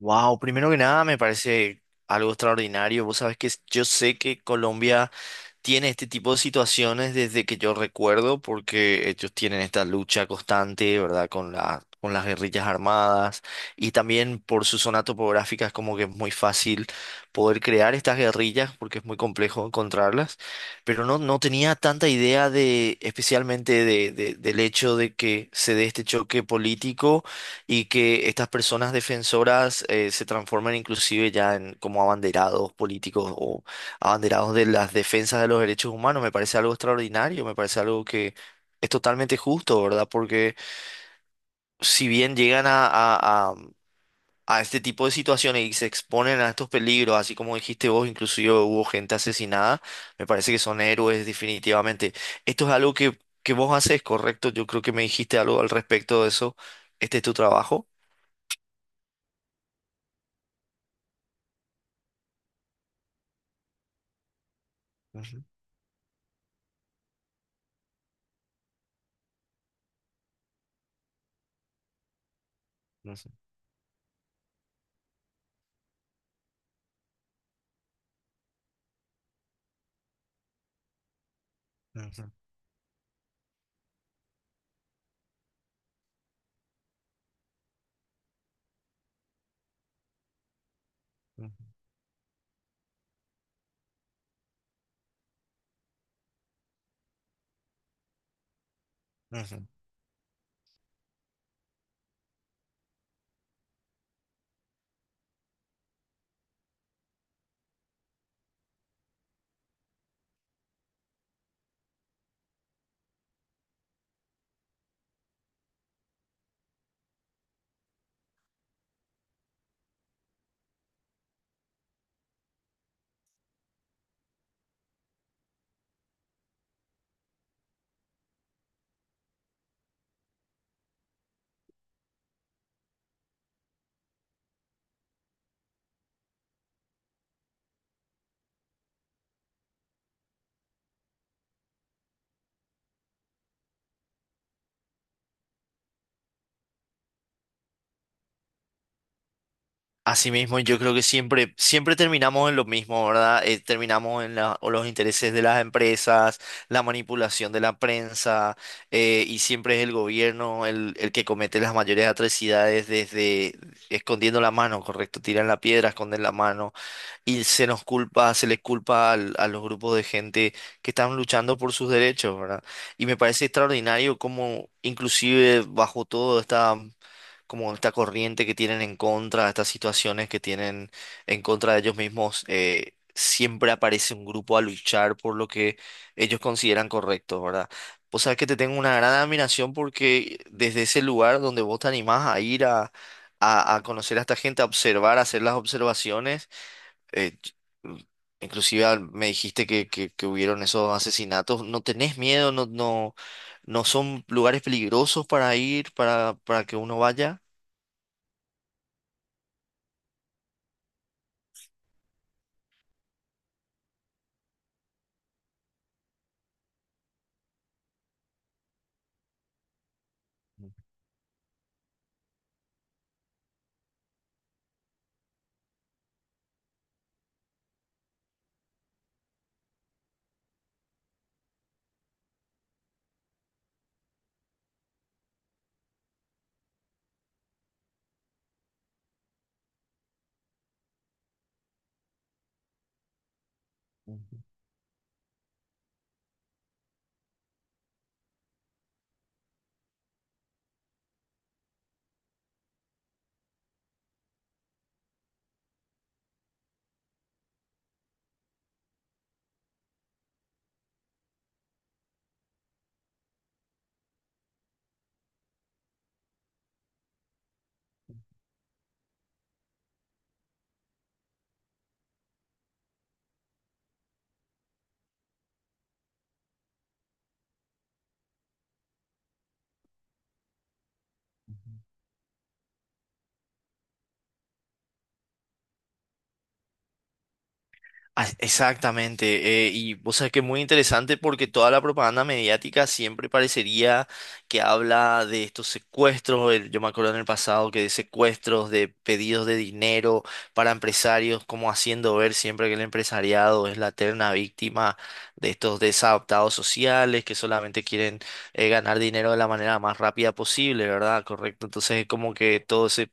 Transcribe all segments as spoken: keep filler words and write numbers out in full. Wow, primero que nada me parece algo extraordinario. Vos sabés que yo sé que Colombia tiene este tipo de situaciones desde que yo recuerdo, porque ellos tienen esta lucha constante, ¿verdad? Con la, con las guerrillas armadas y también por su zona topográfica es como que es muy fácil poder crear estas guerrillas porque es muy complejo encontrarlas, pero no, no tenía tanta idea de, especialmente de, de- del hecho de que se dé este choque político y que estas personas defensoras eh, se transformen inclusive ya en como abanderados políticos abanderados de las defensas de los derechos humanos. Me parece algo extraordinario, me parece algo que es totalmente justo, ¿verdad? Porque si bien llegan a, a, a- a este tipo de situaciones y se exponen a estos peligros, así como dijiste vos, inclusive hubo gente asesinada, me parece que son héroes definitivamente. Esto es algo que, que vos haces, correcto, yo creo que me dijiste algo al respecto de eso, este es tu trabajo. Ujú, ujú, ujú, ujú, ujú. Asimismo, yo creo que siempre, siempre terminamos en lo mismo, ¿verdad? Eh, terminamos en la- o los intereses de las empresas, la manipulación de la prensa, eh, y siempre es el gobierno el, el que comete las mayores atrocidades desde escondiendo la mano, ¿correcto? Tiran la piedra, esconden la mano, y se nos culpa, se les culpa al- a los grupos de gente que están luchando por sus derechos, ¿verdad? Y me parece extraordinario cómo, inclusive bajo todo esta como esta corriente que tienen en contra, estas situaciones que tienen en contra de ellos mismos, eh, siempre aparece un grupo a luchar por lo que ellos consideran correcto, ¿verdad? Vos sabés que te tengo una gran admiración porque desde ese lugar donde vos te animás a ir a, a, a conocer a esta gente, a observar, a hacer las observaciones. eh, Inclusive al- me dijiste que, que, que hubieron esos asesinatos. ¿No tenés miedo? ¿No, no, no son lugares peligrosos para ir, para, para que uno vaya? Ah, exactamente, eh, y o sea que es muy interesante porque toda la propaganda mediática siempre parecería que habla de estos secuestros, el- yo me acuerdo en el pasado que de secuestros, de pedidos de dinero para empresarios, como haciendo ver siempre que el empresariado es la eterna víctima de estos desadaptados sociales que solamente quieren eh, ganar dinero de la manera más rápida posible, ¿verdad? Correcto, entonces es como que todo se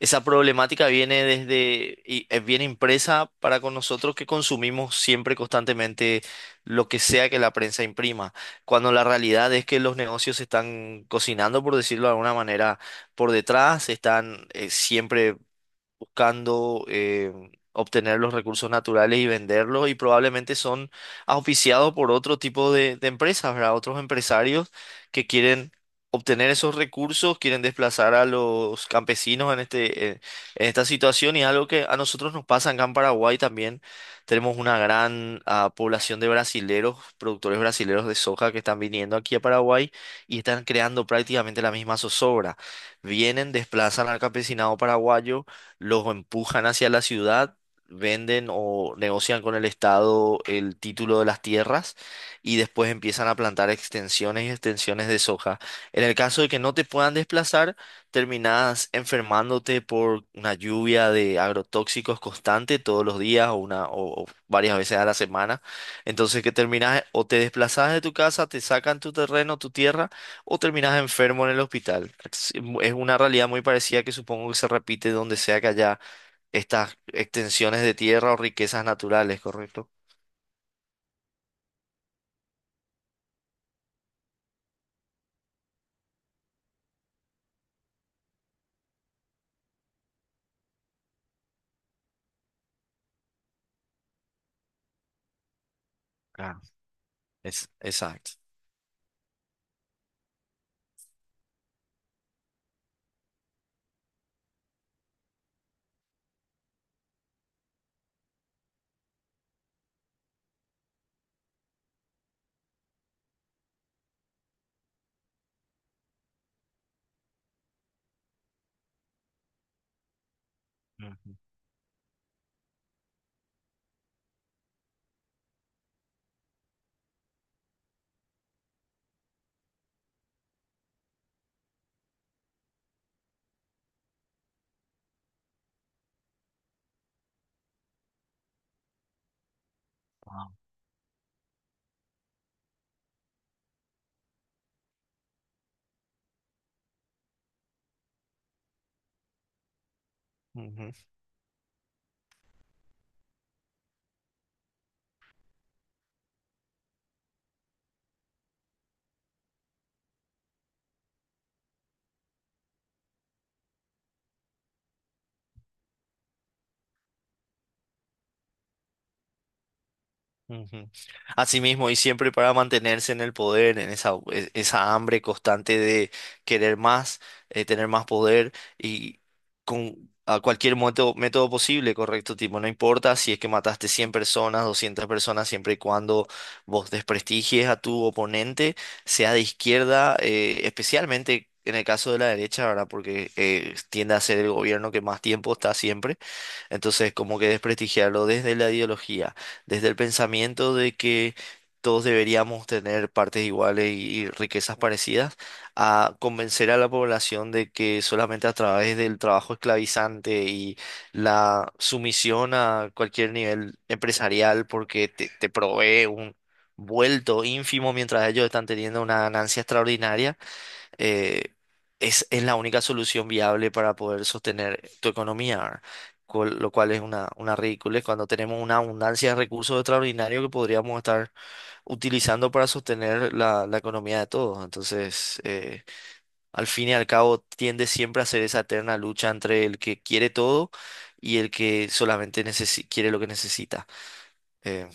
esa problemática viene desde, y eh, viene impresa para con nosotros que consumimos siempre constantemente lo que sea que la prensa imprima, cuando la realidad es que los negocios se están cocinando, por decirlo de alguna manera, por detrás. Están eh, siempre buscando eh, obtener los recursos naturales y venderlos, y probablemente son auspiciados por otro tipo de, de empresas, ¿verdad? Otros empresarios que quieren obtener esos recursos, quieren desplazar a los campesinos en este, eh, en esta situación, y es algo que a nosotros nos pasa acá en Paraguay también. Tenemos una gran ah, población de brasileros, productores brasileros de soja que están viniendo aquí a Paraguay y están creando prácticamente la misma zozobra. Vienen, desplazan al campesinado paraguayo, los empujan hacia la ciudad, venden o negocian con el Estado el título de las tierras y después empiezan a plantar extensiones y extensiones de soja. En el caso de que no te puedan desplazar, terminás enfermándote por una lluvia de agrotóxicos constante todos los días o, una, o o varias veces a la semana. Entonces que terminás o te desplazás de tu casa, te sacan tu terreno, tu tierra, o terminas enfermo en el hospital. Es es una realidad muy parecida que supongo que se repite donde sea que haya estas extensiones de tierra o riquezas naturales, ¿correcto? Claro. Es, exacto. Ujú. Ujú. Ujú. Así mismo, y siempre para mantenerse en el poder, en esa, e- esa hambre constante de querer más, eh, tener más poder, y con a cualquier método, método posible, correcto, tipo, no importa si es que mataste cien personas, doscientas personas, siempre y cuando vos desprestigies a tu oponente, sea de izquierda, eh, especialmente en el caso de la derecha, ¿verdad? Porque eh, tiende a ser el gobierno que más tiempo está siempre. Entonces, como que desprestigiarlo desde la ideología, desde el pensamiento de que todos deberíamos tener partes iguales y y riquezas parecidas, a convencer a la población de que solamente a través del trabajo esclavizante y la sumisión a cualquier nivel empresarial, porque te, te provee un vuelto ínfimo mientras ellos están teniendo una ganancia extraordinaria. eh, es, es la única solución viable para poder sostener tu economía, ¿verdad? Cual- lo cual es una, una ridiculez cuando tenemos una abundancia de recursos extraordinarios que podríamos estar utilizando para sostener la, la economía de todos. Entonces, eh, al fin y al cabo, tiende siempre a ser esa eterna lucha entre el que quiere todo y el que solamente necesi- quiere lo que necesita. Eh,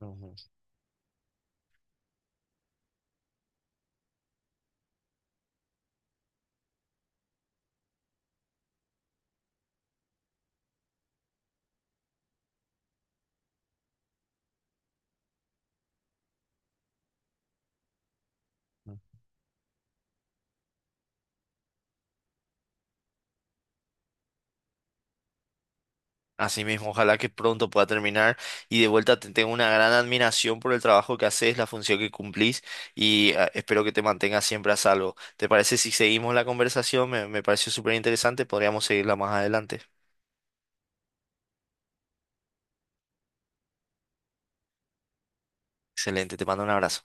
Ujú. Ujú. Así mismo, ojalá que pronto pueda terminar, y de vuelta te tengo una gran admiración por el trabajo que haces, la función que cumplís y ah, espero que te mantengas siempre a salvo. ¿Te parece si seguimos la conversación? Me, me pareció súper interesante, podríamos seguirla más adelante. Excelente, te mando un abrazo.